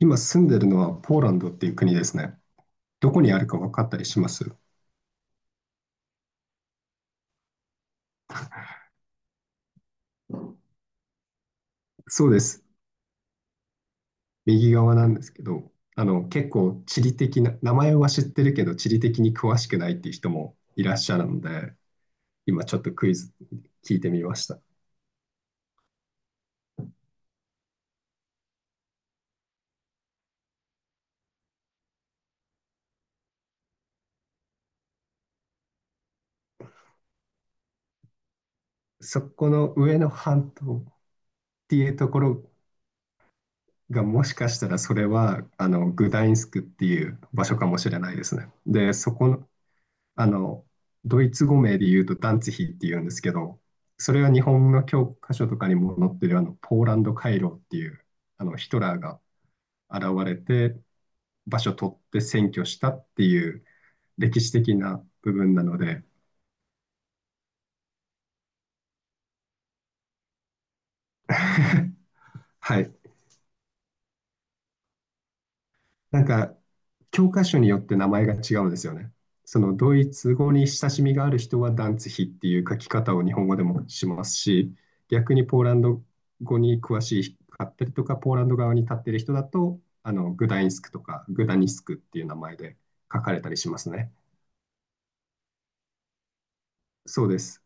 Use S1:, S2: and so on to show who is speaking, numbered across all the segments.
S1: 今住んでるのはポーランドっていう国ですね。どこにあるか分かったりします？そうです。右側なんですけど、結構地理的な、名前は知ってるけど地理的に詳しくないっていう人もいらっしゃるので、今ちょっとクイズ聞いてみました。そこの上の半島っていうところがもしかしたらそれはあのグダインスクっていう場所かもしれないですね。で、そこの、あのドイツ語名で言うとダンツヒっていうんですけど、それは日本の教科書とかにも載ってるあのポーランド回廊っていうあのヒトラーが現れて場所取って占拠したっていう歴史的な部分なので、はい、なんか、教科書によって名前が違うんですよね。そのドイツ語に親しみがある人はダンツヒっていう書き方を日本語でもしますし、逆にポーランド語に詳しかったりとか、ポーランド側に立っている人だと、あのグダインスクとかグダニスクっていう名前で書かれたりしますね。そうです。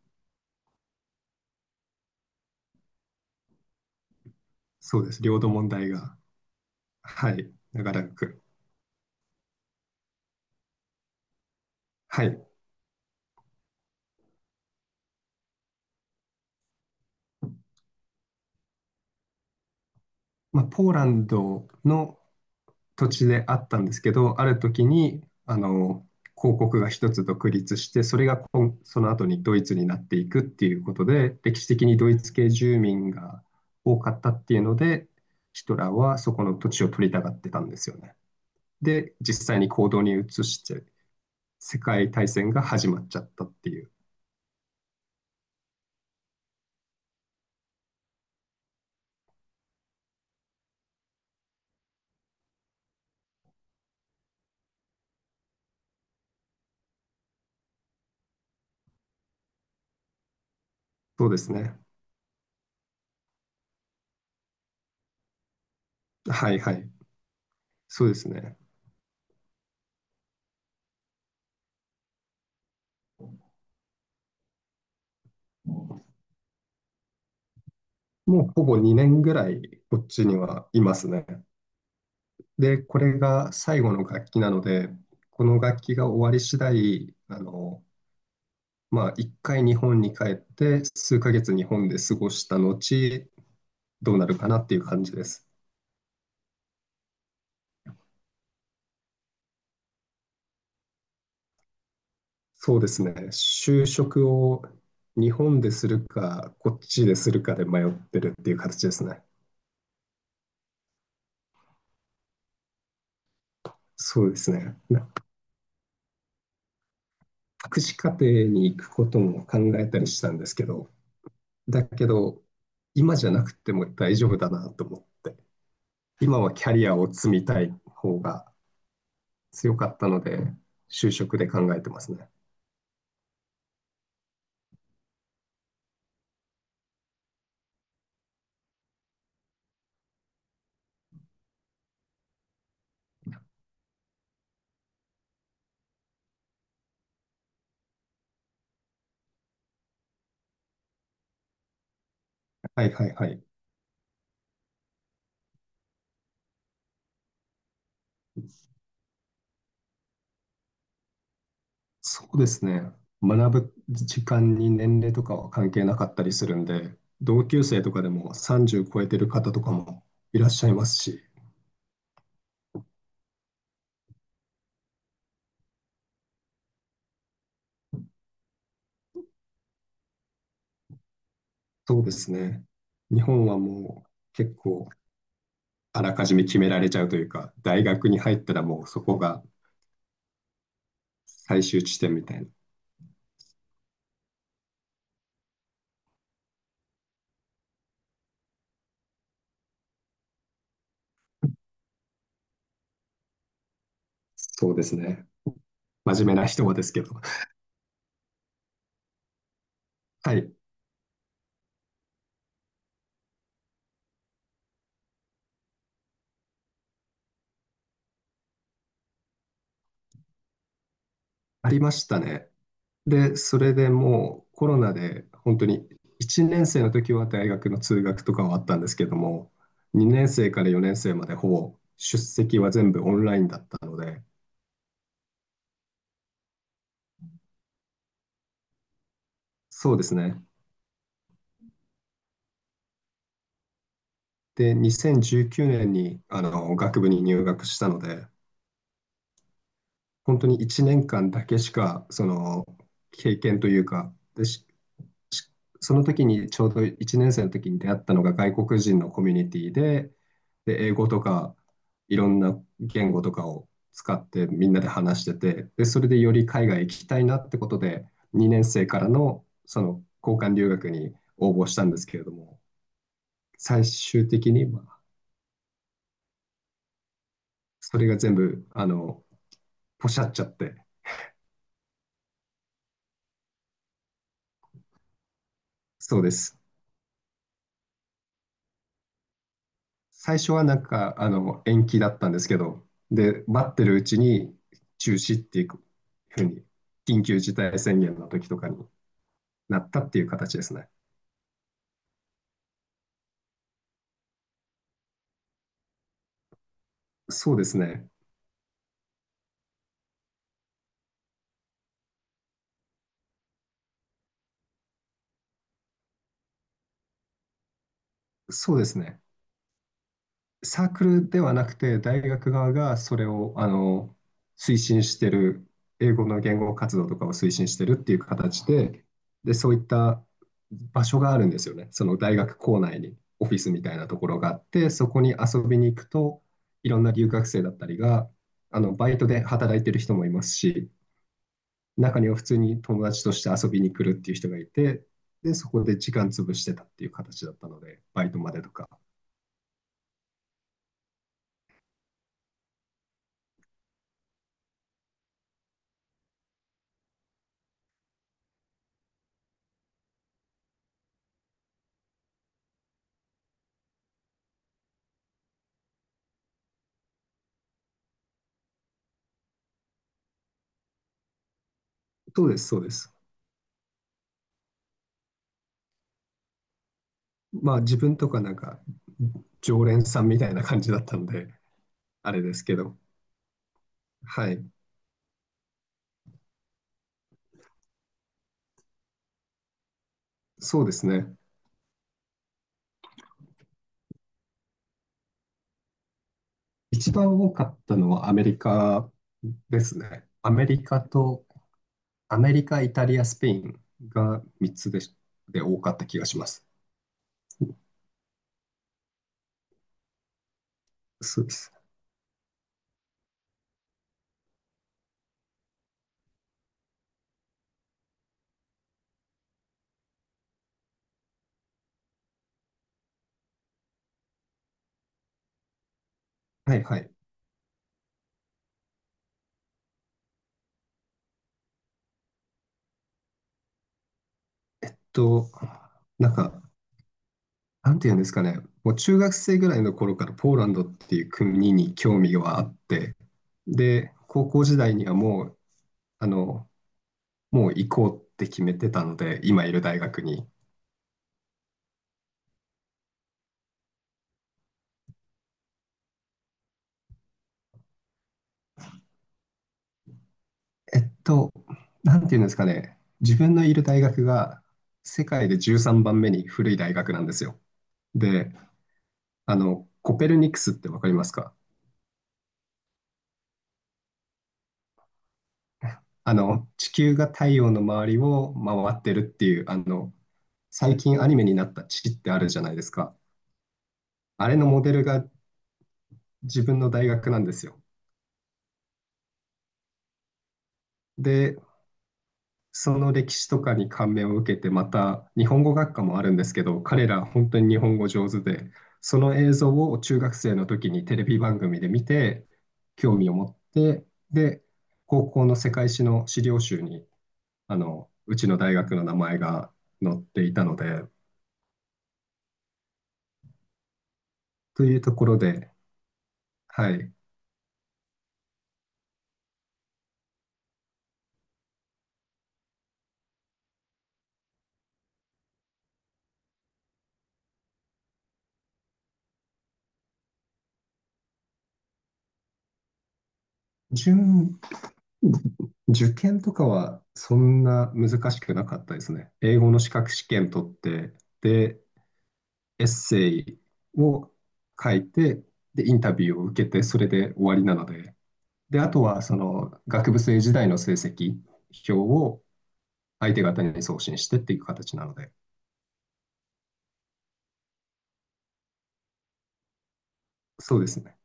S1: そうです。領土問題が。はい。長らく。はい。まあ、ポーランドの土地であったんですけど、ある時に、公国が一つ独立して、それがこんその後にドイツになっていくっていうことで、歴史的にドイツ系住民が多かったっていうので、ヒトラーはそこの土地を取りたがってたんですよね。で、実際に行動に移して、世界大戦が始まっちゃったっていう。そうですね。はいはい。そうですね。もうほぼ2年ぐらいこっちにはいますね。で、これが最後の楽器なので、この楽器が終わり次第、まあ、一回日本に帰って、数ヶ月日本で過ごした後、どうなるかなっていう感じです。そうですね。就職を日本でするか、こっちでするかで迷ってるっていう形ですね。そうですね。博士課程に行くことも考えたりしたんですけど、だけど、今じゃなくても大丈夫だなと思って。今はキャリアを積みたい方が強かったので、就職で考えてますね。はいはいはい。そうですね。学ぶ時間に年齢とかは関係なかったりするんで、同級生とかでも30超えてる方とかもいらっしゃいますし、そうですね。日本はもう結構あらかじめ決められちゃうというか、大学に入ったらもうそこが最終地点みたいな。そうですね。真面目な人はですけど。はい。ありましたね。で、それでもうコロナで本当に1年生の時は大学の通学とかはあったんですけども、2年生から4年生までほぼ出席は全部オンラインだったので、そうですね。で、2019年にあの学部に入学したので、本当に1年間だけしかその経験というか、でししその時にちょうど1年生の時に出会ったのが外国人のコミュニティで、で、英語とかいろんな言語とかを使ってみんなで話してて、で、それでより海外行きたいなってことで、2年生からのその交換留学に応募したんですけれども、最終的にまあそれが全部あのポシャっちゃって、そうです。最初はなんか、延期だったんですけど、で、待ってるうちに中止っていうふうに、緊急事態宣言の時とかになったっていう形ですね。そうですね。そうですね。サークルではなくて、大学側がそれを、推進してる、英語の言語活動とかを推進してるっていう形で、で、そういった場所があるんですよね。その大学構内にオフィスみたいなところがあって、そこに遊びに行くと、いろんな留学生だったりが、バイトで働いてる人もいますし、中には普通に友達として遊びに来るっていう人がいて、で、そこで時間潰してたっていう形だったので、バイトまでとか。そうです、そうです。まあ自分とかなんか常連さんみたいな感じだったので、あれですけど、はい、そうですね。一番多かったのはアメリカですね。アメリカと、アメリカ、イタリア、スペインが3つでし、で多かった気がします。そうです。はいはい。えっと、なんか、なんていうんですかね、もう中学生ぐらいの頃からポーランドっていう国に興味があって、で、高校時代にはもう、あの、もう行こうって決めてたので、今いる大学に。えっと、なんていうんですかね、自分のいる大学が世界で13番目に古い大学なんですよ。で、コペルニクスってわかりますか？あの、地球が太陽の周りを回ってるっていう、最近アニメになった地ってあるじゃないですか。あれのモデルが自分の大学なんですよ。で、その歴史とかに感銘を受けて、また日本語学科もあるんですけど、彼ら本当に日本語上手で、その映像を中学生の時にテレビ番組で見て、興味を持って、で、高校の世界史の資料集に、うちの大学の名前が載っていたので、というところで、はい。準、受験とかはそんな難しくなかったですね。英語の資格試験取って、で、エッセイを書いて、で、インタビューを受けて、それで終わりなので、で、あとはその学部生時代の成績表を相手方に送信してっていう形なので、そうですね。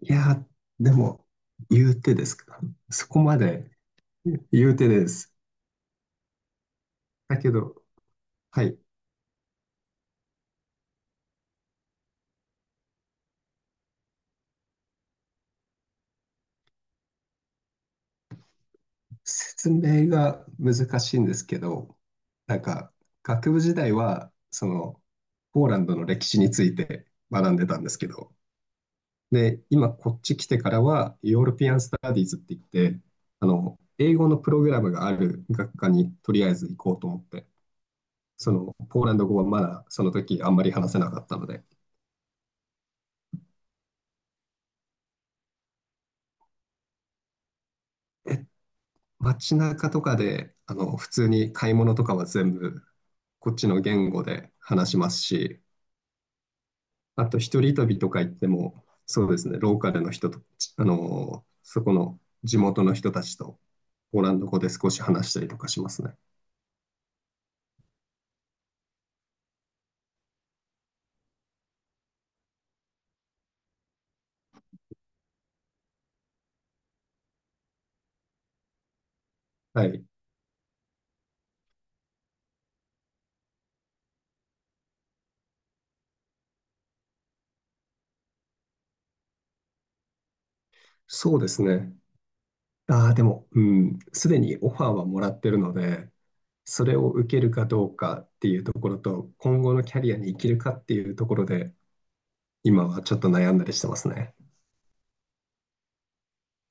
S1: いやでも、言うてですか。そこまで言うてです。だけど、はい、説明が難しいんですけど、なんか、学部時代は、その、ポーランドの歴史について学んでたんですけど、で、今こっち来てからは、ヨーロピアン・スタディーズって言って、英語のプログラムがある学科にとりあえず行こうと思って、その、ポーランド語はまだその時あんまり話せなかったので、え、街中とかで、普通に買い物とかは全部こっちの言語で話しますし、あと一人旅とか行っても、そうですね、ローカルの人と、そこの地元の人たちと、ポーランド語で少し話したりとかしますね。はい。そうですね。ああ、でも、うん、すでにオファーはもらってるので、それを受けるかどうかっていうところと、今後のキャリアに生きるかっていうところで、今はちょっと悩んだりしてますね。